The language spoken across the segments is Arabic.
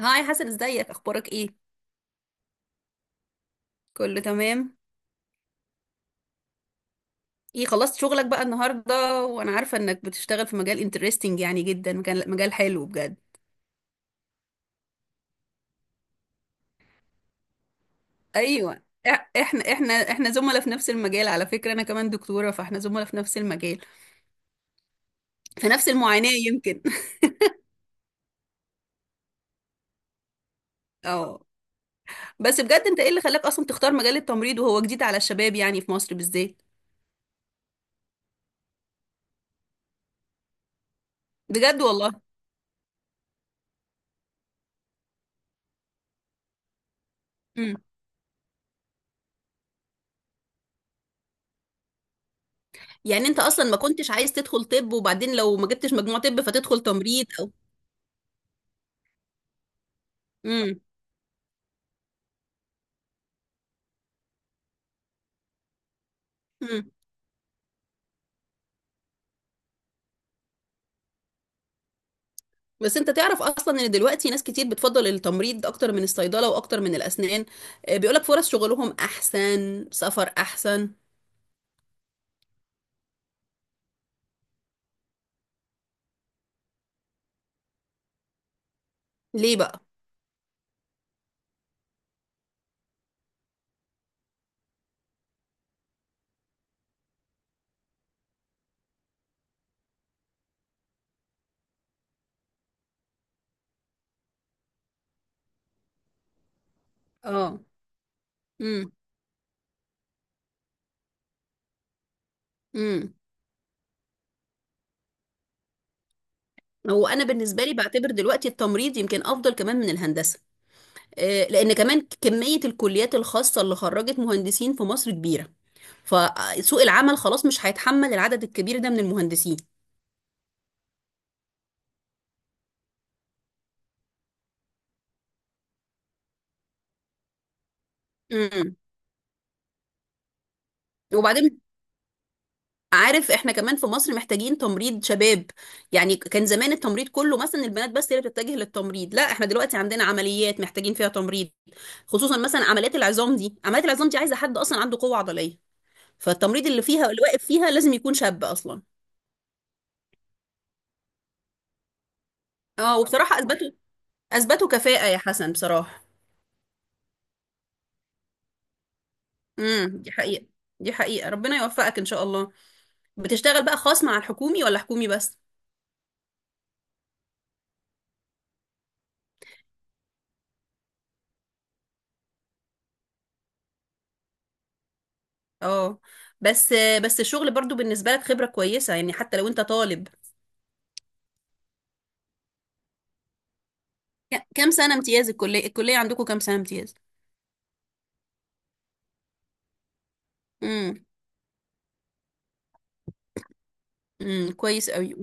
هاي حسن، ازيك؟ اخبارك ايه؟ كله تمام. ايه خلصت شغلك بقى النهارده، وانا عارفه انك بتشتغل في مجال انترستنج يعني، جدا مجال حلو بجد. ايوه، احنا زملاء في نفس المجال، على فكره انا كمان دكتوره، فاحنا زملاء في نفس المجال، في نفس المعاناه يمكن. اه. بس بجد انت ايه اللي خلاك اصلا تختار مجال التمريض، وهو جديد على الشباب يعني في مصر بالذات؟ بجد والله. امم يعني انت اصلا ما كنتش عايز تدخل طب، وبعدين لو ما جبتش مجموع طب فتدخل تمريض او. امم بس انت تعرف اصلا ان دلوقتي ناس كتير بتفضل التمريض اكتر من الصيدله واكتر من الاسنان. بيقولك فرص شغلهم احسن، سفر احسن. ليه بقى؟ اه. امم امم هو انا بالنسبه لي بعتبر دلوقتي التمريض يمكن افضل كمان من الهندسه. لان كمان كميه الكليات الخاصه اللي خرجت مهندسين في مصر كبيره، فسوق العمل خلاص مش هيتحمل العدد الكبير ده من المهندسين. امم وبعدين عارف احنا كمان في مصر محتاجين تمريض شباب؟ يعني كان زمان التمريض كله مثلا البنات بس هي اللي بتتجه للتمريض، لا احنا دلوقتي عندنا عمليات محتاجين فيها تمريض، خصوصا مثلا عمليات العظام دي، عمليات العظام دي عايزه حد اصلا عنده قوه عضليه، فالتمريض اللي فيها اللي واقف فيها لازم يكون شاب اصلا. اه، وبصراحه اثبتوا كفاءه يا حسن بصراحه. دي حقيقه، دي حقيقه، ربنا يوفقك ان شاء الله. بتشتغل بقى خاص مع الحكومي ولا حكومي بس؟ اه. بس بس الشغل برضو بالنسبه لك خبره كويسه يعني، حتى لو انت طالب. كام سنة امتياز؟ الكلية عندكم كام سنة امتياز؟ امم، امم، كويس قوي.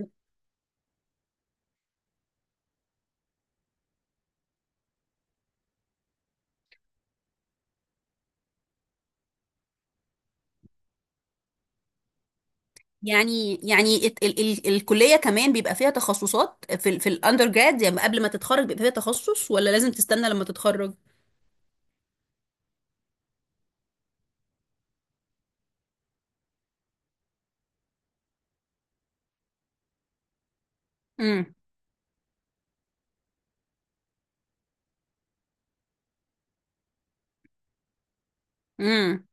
يعني ات- ال ال الكلية كمان بيبقى فيها تخصصات في الاندر جراد؟ يعني قبل ما تتخرج بيبقى فيها تخصص، ولا لازم تستنى لما تتخرج؟ امم امم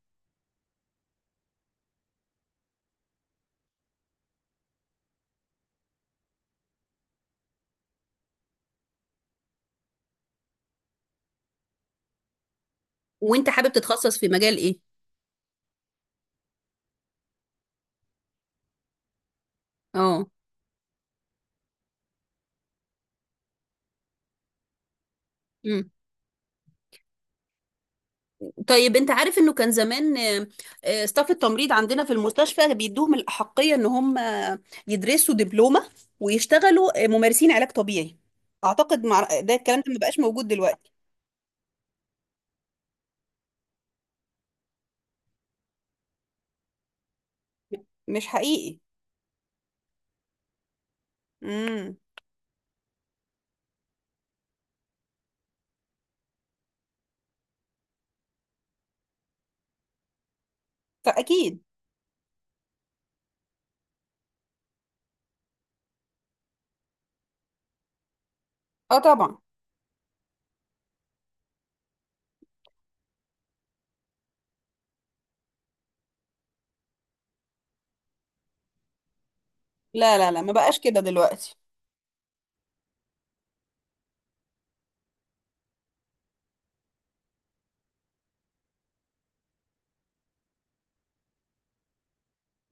وانت حابب تتخصص في مجال ايه؟ اه. امم طيب انت عارف انه كان زمان ستاف التمريض عندنا في المستشفى بيدوهم الأحقية ان هم يدرسوا دبلومة ويشتغلوا ممارسين علاج طبيعي، اعتقد ده الكلام ده ما بقاش موجود دلوقتي. مش حقيقي. امم فاكيد. اه طبعا. لا لا لا، ما بقاش كده دلوقتي.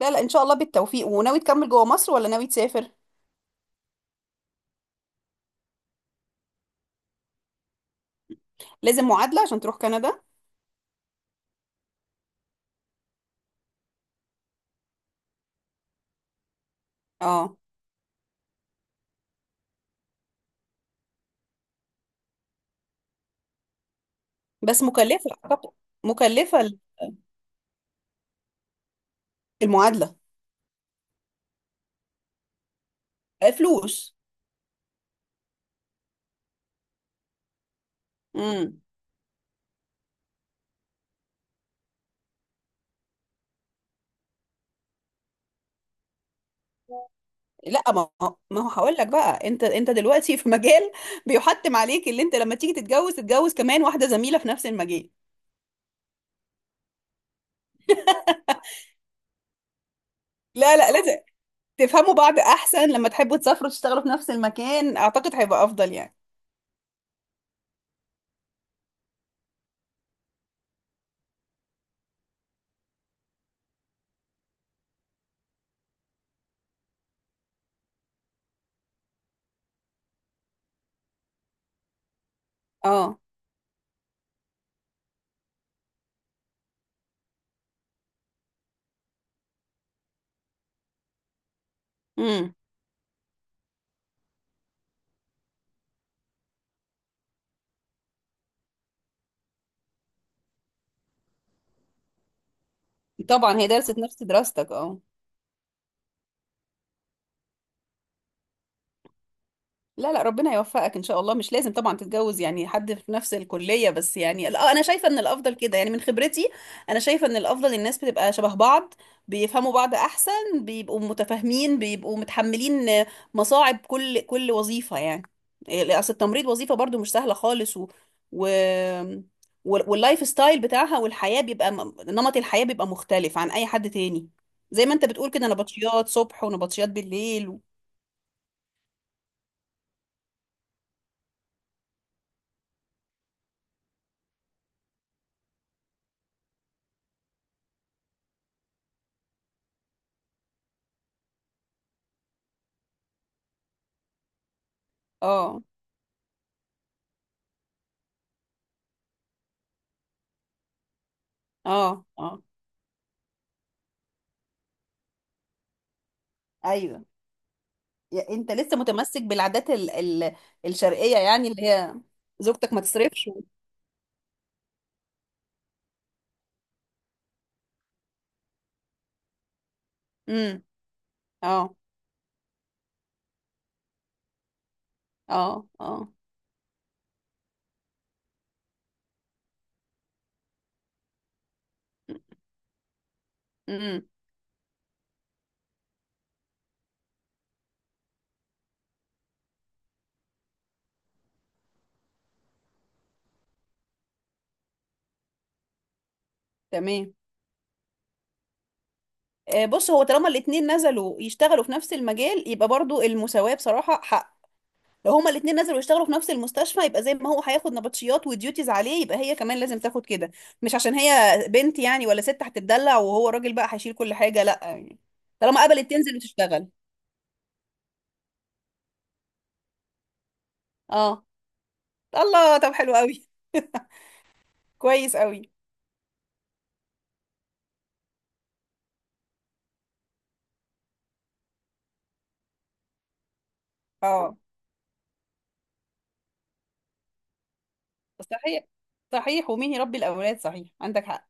لا لا، ان شاء الله بالتوفيق. وناوي تكمل جوه مصر ولا ناوي تسافر؟ لازم معادله عشان تروح كندا. اه. بس مكلفه اعتقد. مكلفه، المعادله. آه، فلوس. امم لا، ما هو هقول لك بقى، انت دلوقتي في مجال بيحتم عليك اللي انت لما تيجي تتجوز، تتجوز كمان واحده زميله في نفس المجال. لا لا، لازم تفهموا بعض احسن، لما تحبوا تسافروا تشتغلوا في نفس المكان اعتقد هيبقى افضل يعني. اه. امم طبعا هي درست نفس دراستك. اه. لا لا، ربنا يوفقك ان شاء الله، مش لازم طبعا تتجوز يعني حد في نفس الكليه بس يعني، لا انا شايفه ان الافضل كده يعني، من خبرتي انا شايفه ان الافضل الناس بتبقى شبه بعض، بيفهموا بعض احسن، بيبقوا متفاهمين، بيبقوا متحملين مصاعب كل كل وظيفه يعني. إيه، اصل التمريض وظيفه برضو مش سهله خالص، و... واللايف ستايل بتاعها، والحياه بيبقى نمط الحياه بيبقى مختلف عن اي حد تاني، زي ما انت بتقول كده نبطشيات صبح ونبطشيات بالليل. اه. اه. اه. ايوه. انت لسه متمسك بالعادات الشرقيه يعني، اللي هي زوجتك ما تصرفش. امم. اه. اه. اه. امم. تمام. آه، بص، هو طالما الاتنين نزلوا يشتغلوا في نفس المجال يبقى برضو المساواة بصراحة حق، لو هما الاتنين نزلوا يشتغلوا في نفس المستشفى يبقى زي ما هو هياخد نبطشيات وديوتيز عليه يبقى هي كمان لازم تاخد كده، مش عشان هي بنت يعني ولا ست هتتدلع وهو راجل بقى هيشيل كل حاجة، لا يعني، طالما قبلت تنزل وتشتغل. اه. الله، طب حلو قوي. كويس قوي. اه، صحيح، صحيح، ومين يربي الاولاد، صحيح عندك حق.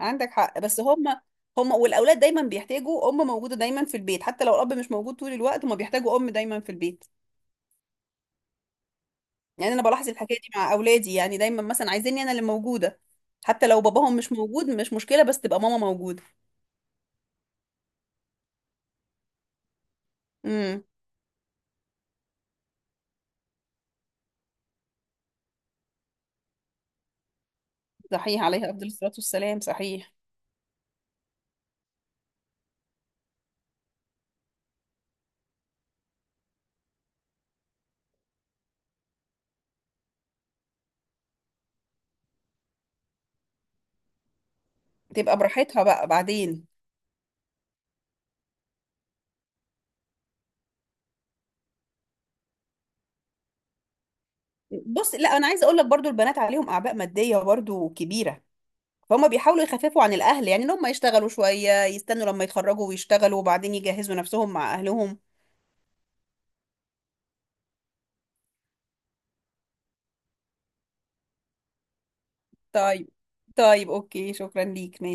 عندك حق، بس هم، هم والاولاد دايما بيحتاجوا ام موجوده دايما في البيت، حتى لو الاب مش موجود طول الوقت هم بيحتاجوا ام دايما في البيت. يعني انا بلاحظ الحكايه دي مع اولادي، يعني دايما مثلا عايزيني انا اللي موجوده، حتى لو باباهم مش موجود مش مشكله بس تبقى ماما موجوده. امم. صحيح، عليها افضل الصلاه والسلام، صحيح. تبقى براحتها بقى بعدين. بص، لا انا عايزه اقول لك برضو البنات عليهم اعباء ماديه برضو كبيره، فهم بيحاولوا يخففوا عن الأهل، يعني إن هم يشتغلوا شوية، يستنوا لما يتخرجوا ويشتغلوا وبعدين يجهزوا نفسهم مع أهلهم. طيب. طيب أوكي، شكرا ليك، ماشي.